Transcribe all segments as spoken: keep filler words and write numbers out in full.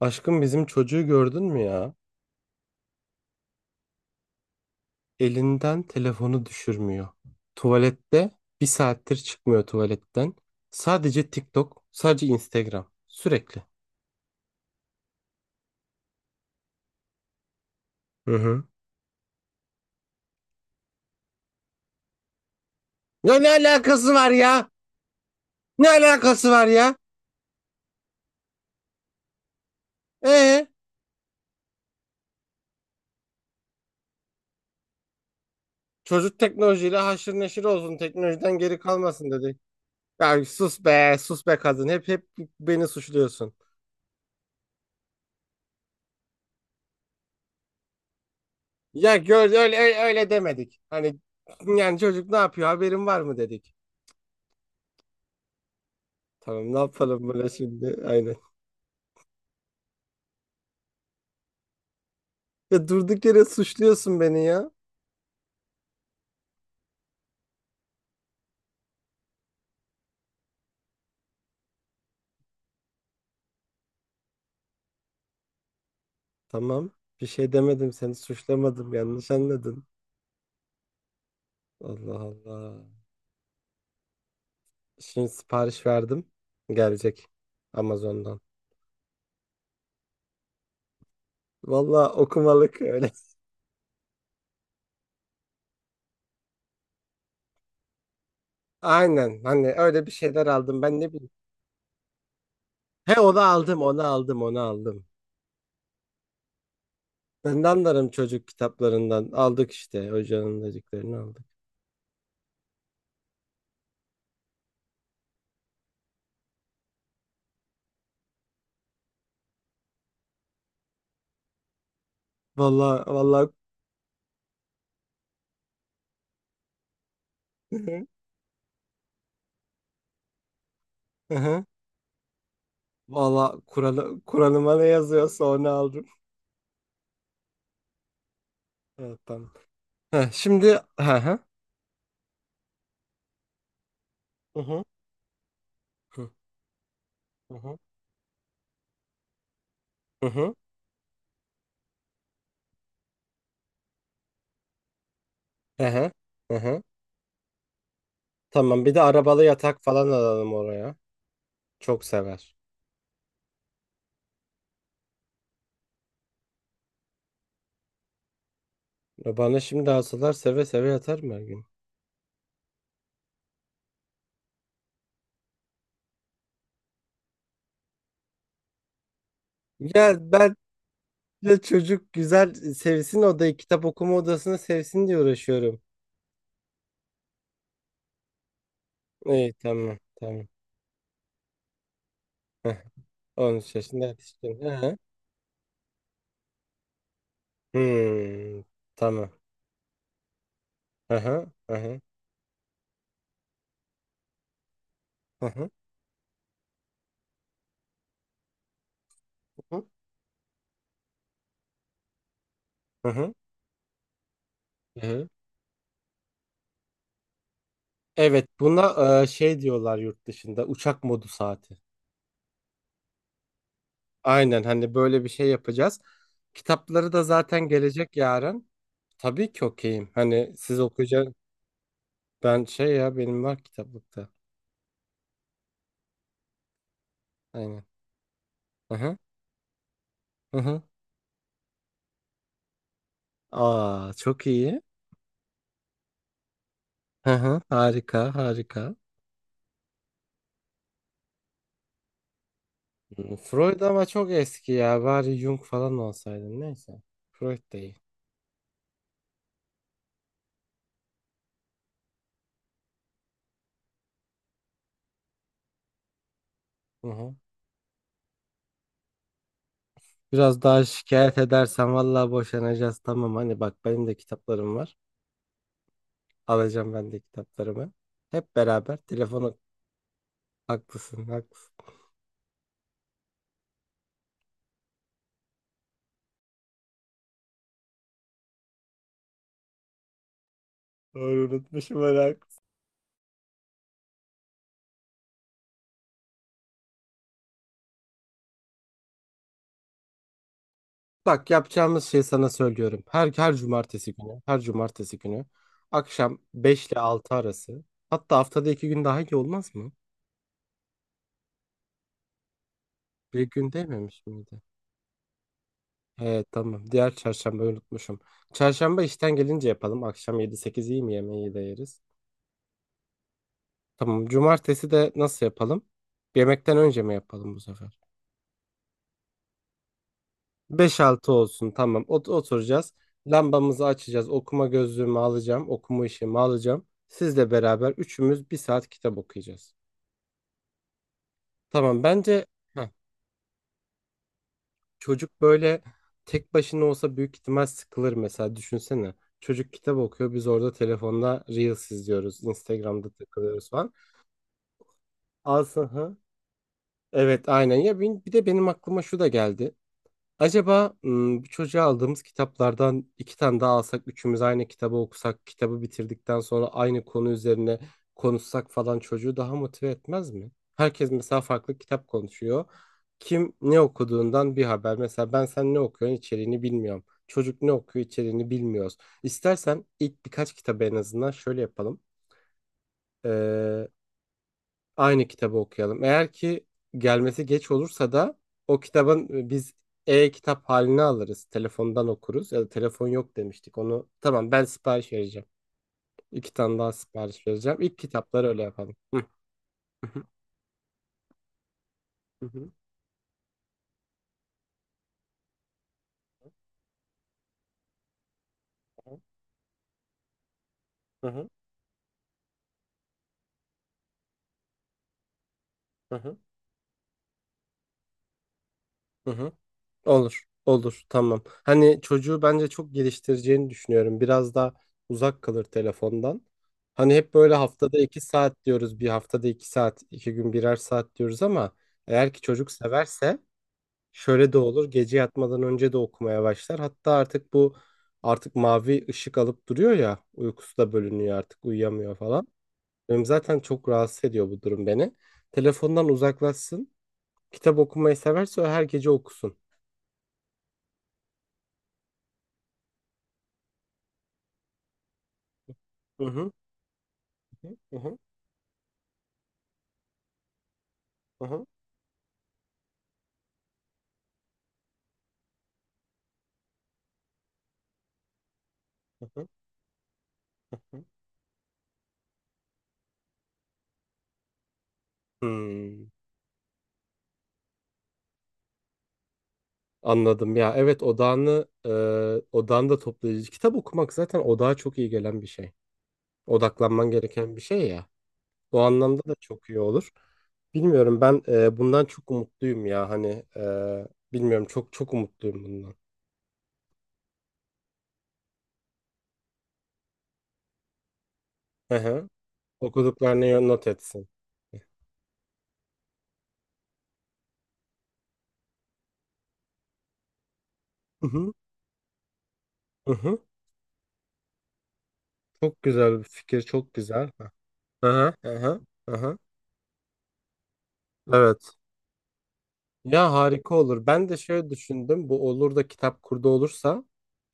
Aşkım bizim çocuğu gördün mü ya? Elinden telefonu düşürmüyor. Tuvalette bir saattir çıkmıyor tuvaletten. Sadece TikTok, sadece Instagram. Sürekli. Hı hı. Ya ne alakası var ya? Ne alakası var ya? Ee, çocuk teknolojiyle haşır neşir olsun, teknolojiden geri kalmasın dedi. Ya sus be, sus be kadın. Hep hep beni suçluyorsun. Ya gör öyle öyle, öyle demedik. Hani yani çocuk ne yapıyor? Haberin var mı dedik. Tamam ne yapalım böyle şimdi? Aynen. Ya durduk yere suçluyorsun beni ya. Tamam. Bir şey demedim. Seni suçlamadım. Yanlış anladın. Allah Allah. Şimdi sipariş verdim. Gelecek Amazon'dan. Valla okumalık öyle. Aynen. Hani öyle bir şeyler aldım. Ben ne bileyim. He onu aldım, onu aldım, onu aldım. Ben de anlarım çocuk kitaplarından. Aldık işte. Hocanın dediklerini aldık. Valla, valla. Hı hı. Valla Kur'an, Kur'an'ıma ne yazıyorsa onu aldım. Evet, tamam. Heh, şimdi. Hı hı. Hı hı. Hı hı. Hı hı. Hı hı. Hı hı. Tamam bir de arabalı yatak falan alalım oraya. Çok sever. Ya bana şimdi alsalar seve seve yatar mı her gün? Ya ben de çocuk güzel sevsin odayı, kitap okuma odasını sevsin diye uğraşıyorum. İyi tamam tamam. Heh, on üç yaşında yetişkin. Hı hı. Hmm, tamam. Hı hı. Hı hı. Hı hı. Hı hı. Hı hı. Evet buna e, şey diyorlar yurt dışında uçak modu saati. Aynen hani böyle bir şey yapacağız. Kitapları da zaten gelecek yarın. Tabii ki okeyim. Hani siz okuyacaksınız. Ben şey ya benim var kitaplıkta. Aynen. Hı hı. Hı hı. Aa çok iyi. Hı hı. Harika harika. Hı, Freud ama çok eski ya. Bari Jung falan olsaydı. Neyse. Freud değil. Hı hı. Biraz daha şikayet edersen vallahi boşanacağız. Tamam hani bak benim de kitaplarım var. Alacağım ben de kitaplarımı. Hep beraber telefonu. Haklısın, haklısın. Doğru unutmuşum merak. Bak yapacağımız şey sana söylüyorum. Her her cumartesi günü, her cumartesi günü akşam beş ile altı arası. Hatta haftada iki gün daha iyi olmaz mı? Bir gün dememiş miydi? Evet tamam. Diğer çarşamba unutmuşum. Çarşamba işten gelince yapalım. Akşam yedi sekiz iyi mi, yemeği de yeriz. Tamam. Cumartesi de nasıl yapalım? Yemekten önce mi yapalım bu sefer? beş altı olsun tamam. Ot- oturacağız. Lambamızı açacağız. Okuma gözlüğümü alacağım. Okuma işimi alacağım. Sizle beraber üçümüz bir saat kitap okuyacağız. Tamam bence heh, çocuk böyle tek başına olsa büyük ihtimal sıkılır mesela düşünsene. Çocuk kitap okuyor biz orada telefonda Reels izliyoruz. Instagram'da takılıyoruz falan. Alsın ha. Evet aynen ya bin- bir de benim aklıma şu da geldi. Acaba ım, bu çocuğa aldığımız kitaplardan iki tane daha alsak, üçümüz aynı kitabı okusak, kitabı bitirdikten sonra aynı konu üzerine konuşsak falan çocuğu daha motive etmez mi? Herkes mesela farklı kitap konuşuyor. Kim ne okuduğundan bir haber. Mesela ben sen ne okuyorsun içeriğini bilmiyorum. Çocuk ne okuyor içeriğini bilmiyoruz. İstersen ilk birkaç kitabı en azından şöyle yapalım. Aynı kitabı okuyalım. Eğer ki gelmesi geç olursa da o kitabın e, biz e-kitap halini alırız. Telefondan okuruz ya da telefon yok demiştik. Onu tamam ben sipariş vereceğim. İki tane daha sipariş vereceğim. İlk kitapları öyle yapalım. Hı hı hı hı hı hı hı hı. Hı. Olur, olur, tamam. Hani çocuğu bence çok geliştireceğini düşünüyorum. Biraz daha uzak kalır telefondan. Hani hep böyle haftada iki saat diyoruz, bir haftada iki saat, iki gün birer saat diyoruz ama eğer ki çocuk severse şöyle de olur. Gece yatmadan önce de okumaya başlar. Hatta artık bu artık mavi ışık alıp duruyor ya, uykusu da bölünüyor artık, uyuyamıyor falan. Benim zaten çok rahatsız ediyor bu durum beni. Telefondan uzaklaşsın. Kitap okumayı severse o her gece okusun. Hı hı. Hı hı. Aha, aha, aha. Hmm, anladım ya. Evet odağını e, odağını da toplayıcı. Kitap okumak zaten odağa çok iyi gelen bir şey. Odaklanman gereken bir şey ya. O anlamda da çok iyi olur. Bilmiyorum ben e, bundan çok umutluyum ya hani e, bilmiyorum çok çok umutluyum bundan. Hı hı. Okuduklarını not etsin. Hı hı. Hı hı. Çok güzel bir fikir çok güzel. Hı hı. Hı hı. Hı hı. Evet. Ya harika olur. Ben de şöyle düşündüm. Bu olur da kitap kurdu olursa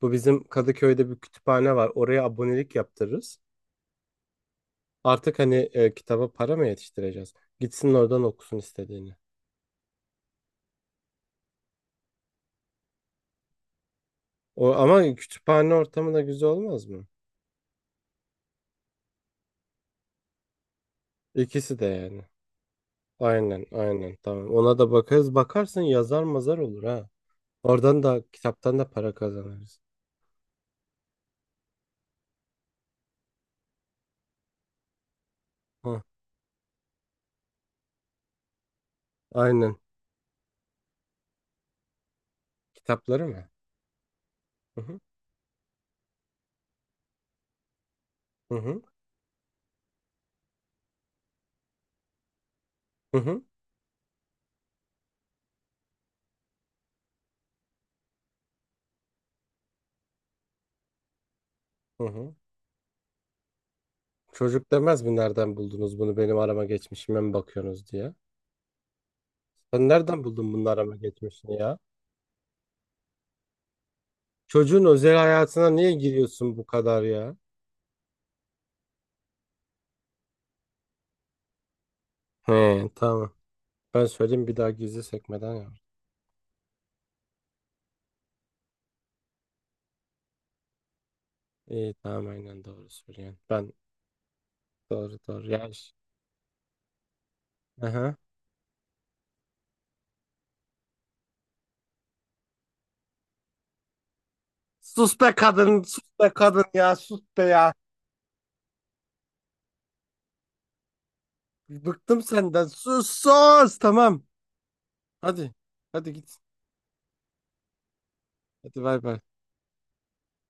bu bizim Kadıköy'de bir kütüphane var. Oraya abonelik yaptırırız. Artık hani e, kitaba para mı yetiştireceğiz? Gitsin oradan okusun istediğini. O ama kütüphane ortamı da güzel olmaz mı? İkisi de yani. Aynen, aynen. Tamam. Ona da bakarız. Bakarsın yazar mazar olur ha. Oradan da kitaptan da para kazanırız. Hı, aynen. Kitapları mı? Hı hı. Hı hı. Hı hı. Hı hı. Çocuk demez mi nereden buldunuz bunu benim arama geçmişime mi bakıyorsunuz diye. Sen nereden buldun bunun arama geçmişini ya? Çocuğun özel hayatına niye giriyorsun bu kadar ya? He tamam. Ben söyleyeyim bir daha gizli sekmeden yap. İyi tamam aynen doğru söylüyorsun. Ben doğru doğru ya. iş- Aha. Sus be kadın sus be kadın ya sus be ya. Bıktım senden sus sus tamam. Hadi hadi git. Hadi bay bay.